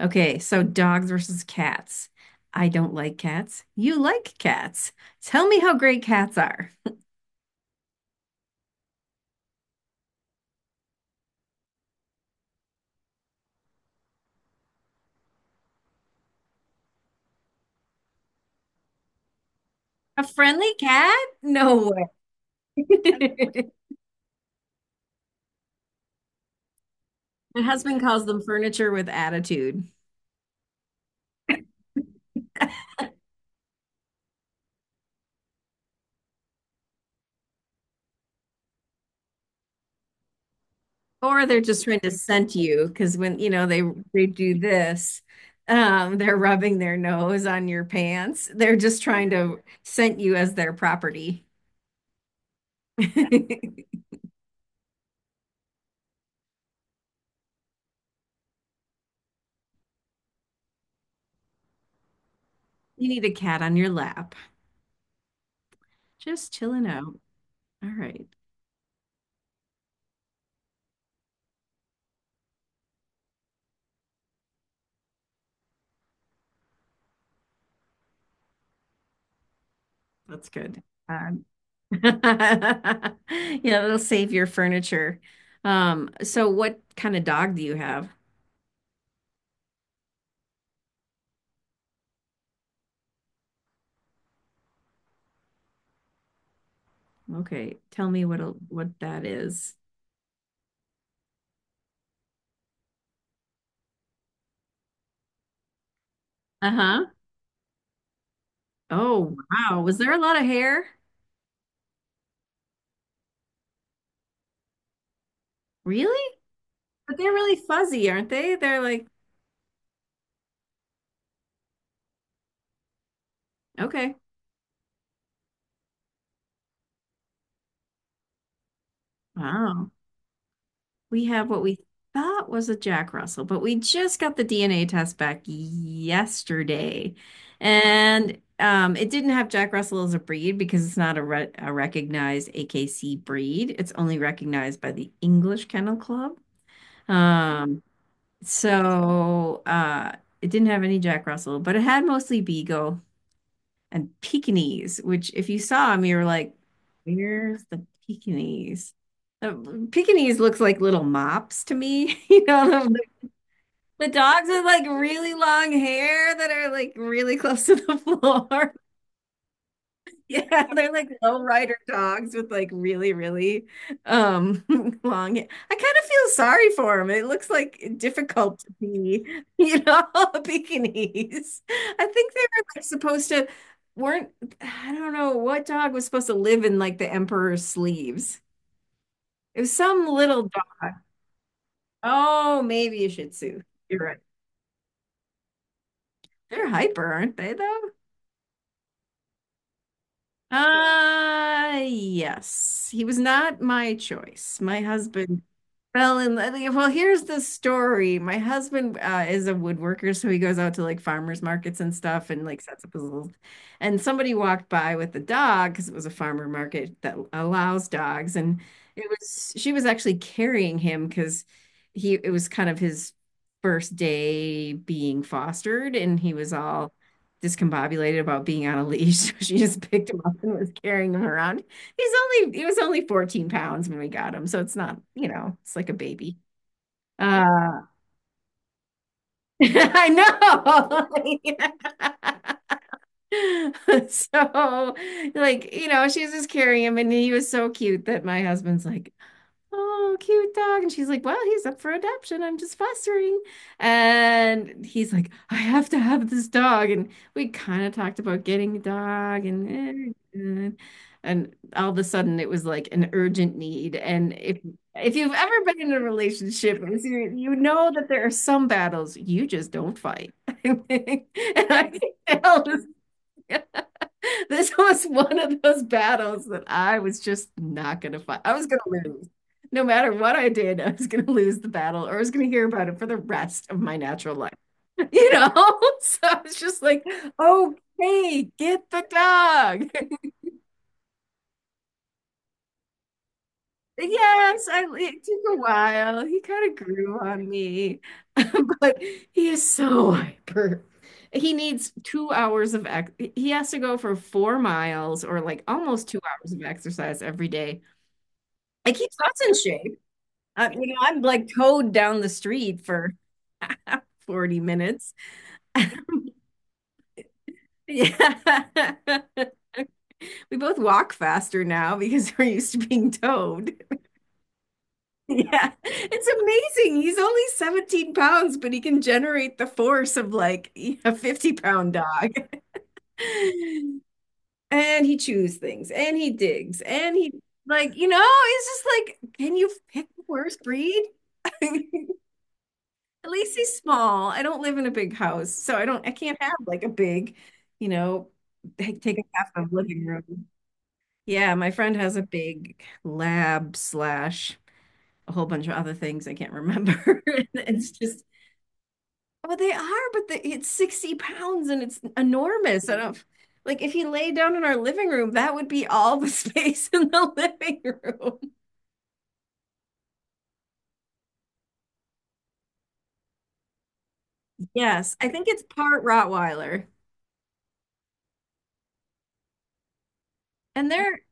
Okay, so dogs versus cats. I don't like cats. You like cats. Tell me how great cats are. A friendly cat? No way. My husband calls them furniture with attitude, or they're just trying to scent you because when you know they do this, they're rubbing their nose on your pants. They're just trying to scent you as their property. You need a cat on your lap, just chilling out. All right, that's good. Yeah, that'll save your furniture. So what kind of dog do you have? Okay, tell me what that is. Uh-huh. Oh, wow. Was there a lot of hair? Really? But they're really fuzzy, aren't they? They're like, okay. Wow. We have what we thought was a Jack Russell, but we just got the DNA test back yesterday. And it didn't have Jack Russell as a breed because it's not a recognized AKC breed. It's only recognized by the English Kennel Club. Um, so uh, it didn't have any Jack Russell, but it had mostly Beagle and Pekingese, which if you saw them, you were like, where's the Pekingese? The Pekingese looks like little mops to me. You know, the dogs with like really long hair that are like really close to the floor. Yeah, they're like low rider dogs with like really, really um long. I kind of feel sorry for them. It looks like difficult to be, you know, bikinis. I think they were like supposed to weren't. I don't know what dog was supposed to live in like the emperor's sleeves. It was some little dog. Oh, maybe a Shih Tzu. You're right. They're hyper, aren't they though? Yes. He was not my choice. My husband fell in love. Like, well, here's the story. My husband is a woodworker, so he goes out to like farmers markets and stuff and like sets up his little. And somebody walked by with the dog because it was a farmer market that allows dogs. And she was actually carrying him because it was kind of his first day being fostered and he was all discombobulated about being on a leash. So she just picked him up and was carrying him around. He's he was only 14 pounds when we got him. So it's not, you know, it's like a baby. Uh, I know. So like, you know, she's just carrying him and he was so cute that my husband's like, oh, cute dog. And she's like, well, he's up for adoption. I'm just fostering. And he's like, I have to have this dog. And we kind of talked about getting a dog and and all of a sudden it was like an urgent need. And if you've ever been in a relationship, you know that there are some battles you just don't fight. And I failed. This was one of those battles that I was just not going to fight. I was going to lose. No matter what I did, I was going to lose the battle or I was going to hear about it for the rest of my natural life. You know? So I was just like, okay, get the dog. Yes, I, it took a while. He kind of grew on me, but he is so hyper. He needs two hours of ex he has to go for 4 miles or like almost 2 hours of exercise every day. I keep us in shape. You know, I'm like towed down the street for 40 minutes. Yeah. We both walk faster now because we're used to being towed. Yeah. It's amazing. He's only 17 pounds, but he can generate the force of like a 50 pound dog. And he chews things and he digs and he like, you know, it's just like, can you pick the worst breed? At least he's small. I don't live in a big house, so I can't have like a big, you know, take up half of living room. Yeah, my friend has a big lab slash a whole bunch of other things I can't remember. And It's just well, they are, but it's 60 pounds and it's enormous. I don't like if you lay down in our living room, that would be all the space in the living room. Yes, I think it's part Rottweiler. And they're,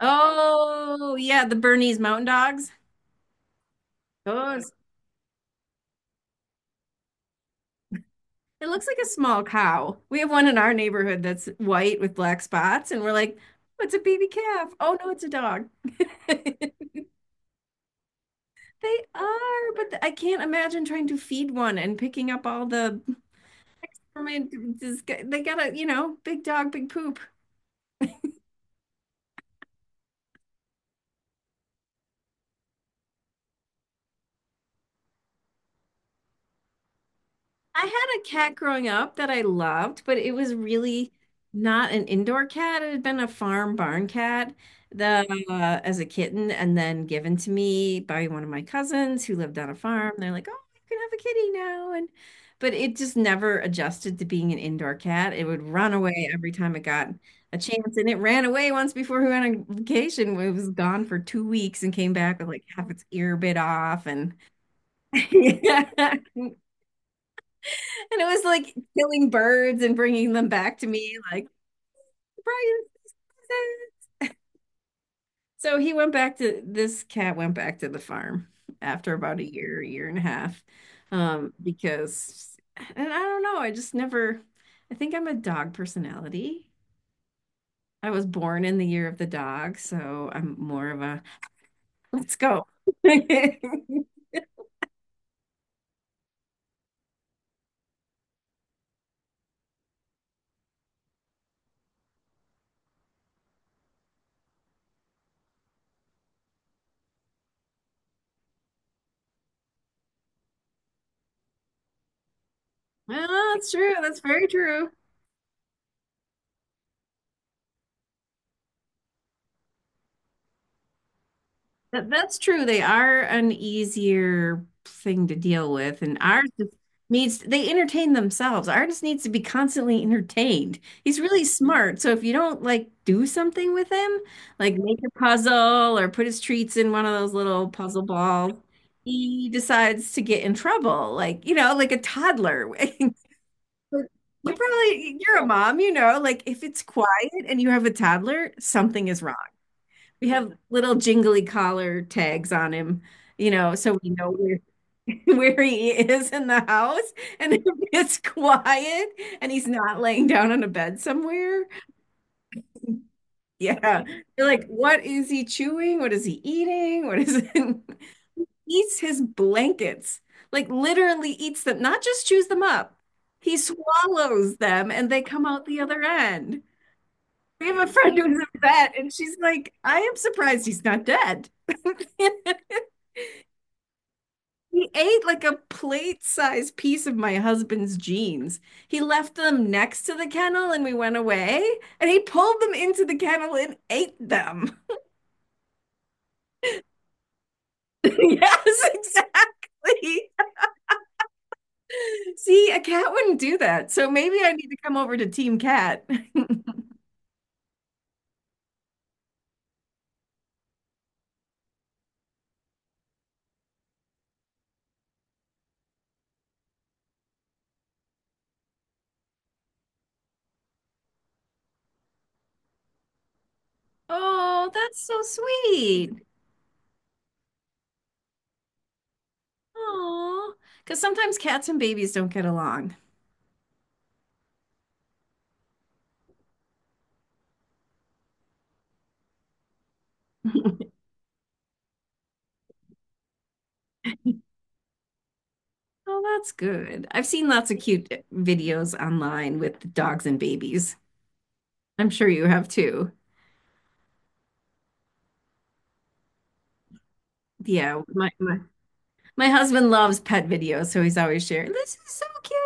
oh, yeah, the Bernese Mountain Dogs. Goes. It looks like a small cow. We have one in our neighborhood that's white with black spots, and we're like, oh, it's a baby calf. Oh no, it's a dog. They are, but I can't imagine trying to feed one and picking up all the. I mean, they got a, you know, big dog, big poop. I had a cat growing up that I loved, but it was really not an indoor cat. It had been a farm barn cat the as a kitten and then given to me by one of my cousins who lived on a farm. They're like, "Oh, you can have a kitty now." And but it just never adjusted to being an indoor cat. It would run away every time it got a chance, and it ran away once before we went on vacation. It was gone for 2 weeks and came back with like half its ear bit off, and yeah. And it was like killing birds and bringing them back to me, like Brian. So he went back to this cat went back to the farm after about a year, year and a half, um, because, and I don't know, I just never. I think I'm a dog personality. I was born in the year of the dog, so I'm more of a let's go. Well, that's true. That's very true. That, that's true. They are an easier thing to deal with, and ours just needs they entertain themselves. Artist needs to be constantly entertained. He's really smart, so if you don't like do something with him, like make a puzzle or put his treats in one of those little puzzle balls, he decides to get in trouble. Like, you know, like a toddler. But you're a mom, you know, like if it's quiet and you have a toddler, something is wrong. We have little jingly collar tags on him, you know, so we know where, where he is in the house. And if it's quiet and he's not laying down on a bed somewhere, yeah. You're like, what is he chewing? What is he eating? What is it? Eats his blankets, like literally eats them, not just chews them up. He swallows them and they come out the other end. We have a friend who's a vet, and she's like, I am surprised he's not dead. He ate like a plate-sized piece of my husband's jeans. He left them next to the kennel and we went away, and he pulled them into the kennel and ate them. Yes, exactly. See, a cat wouldn't do that. So maybe I need to come over to Team Cat. Oh, that's so sweet. Oh, because sometimes cats and babies don't get along. Oh, that's good. I've seen lots of cute videos online with dogs and babies. I'm sure you have too. Yeah, my husband loves pet videos, so he's always sharing. This is so cute.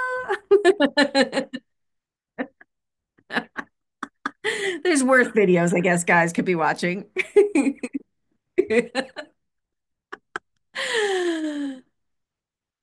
Look at this chimpanzee. There's worse videos, I guess, guys could be watching.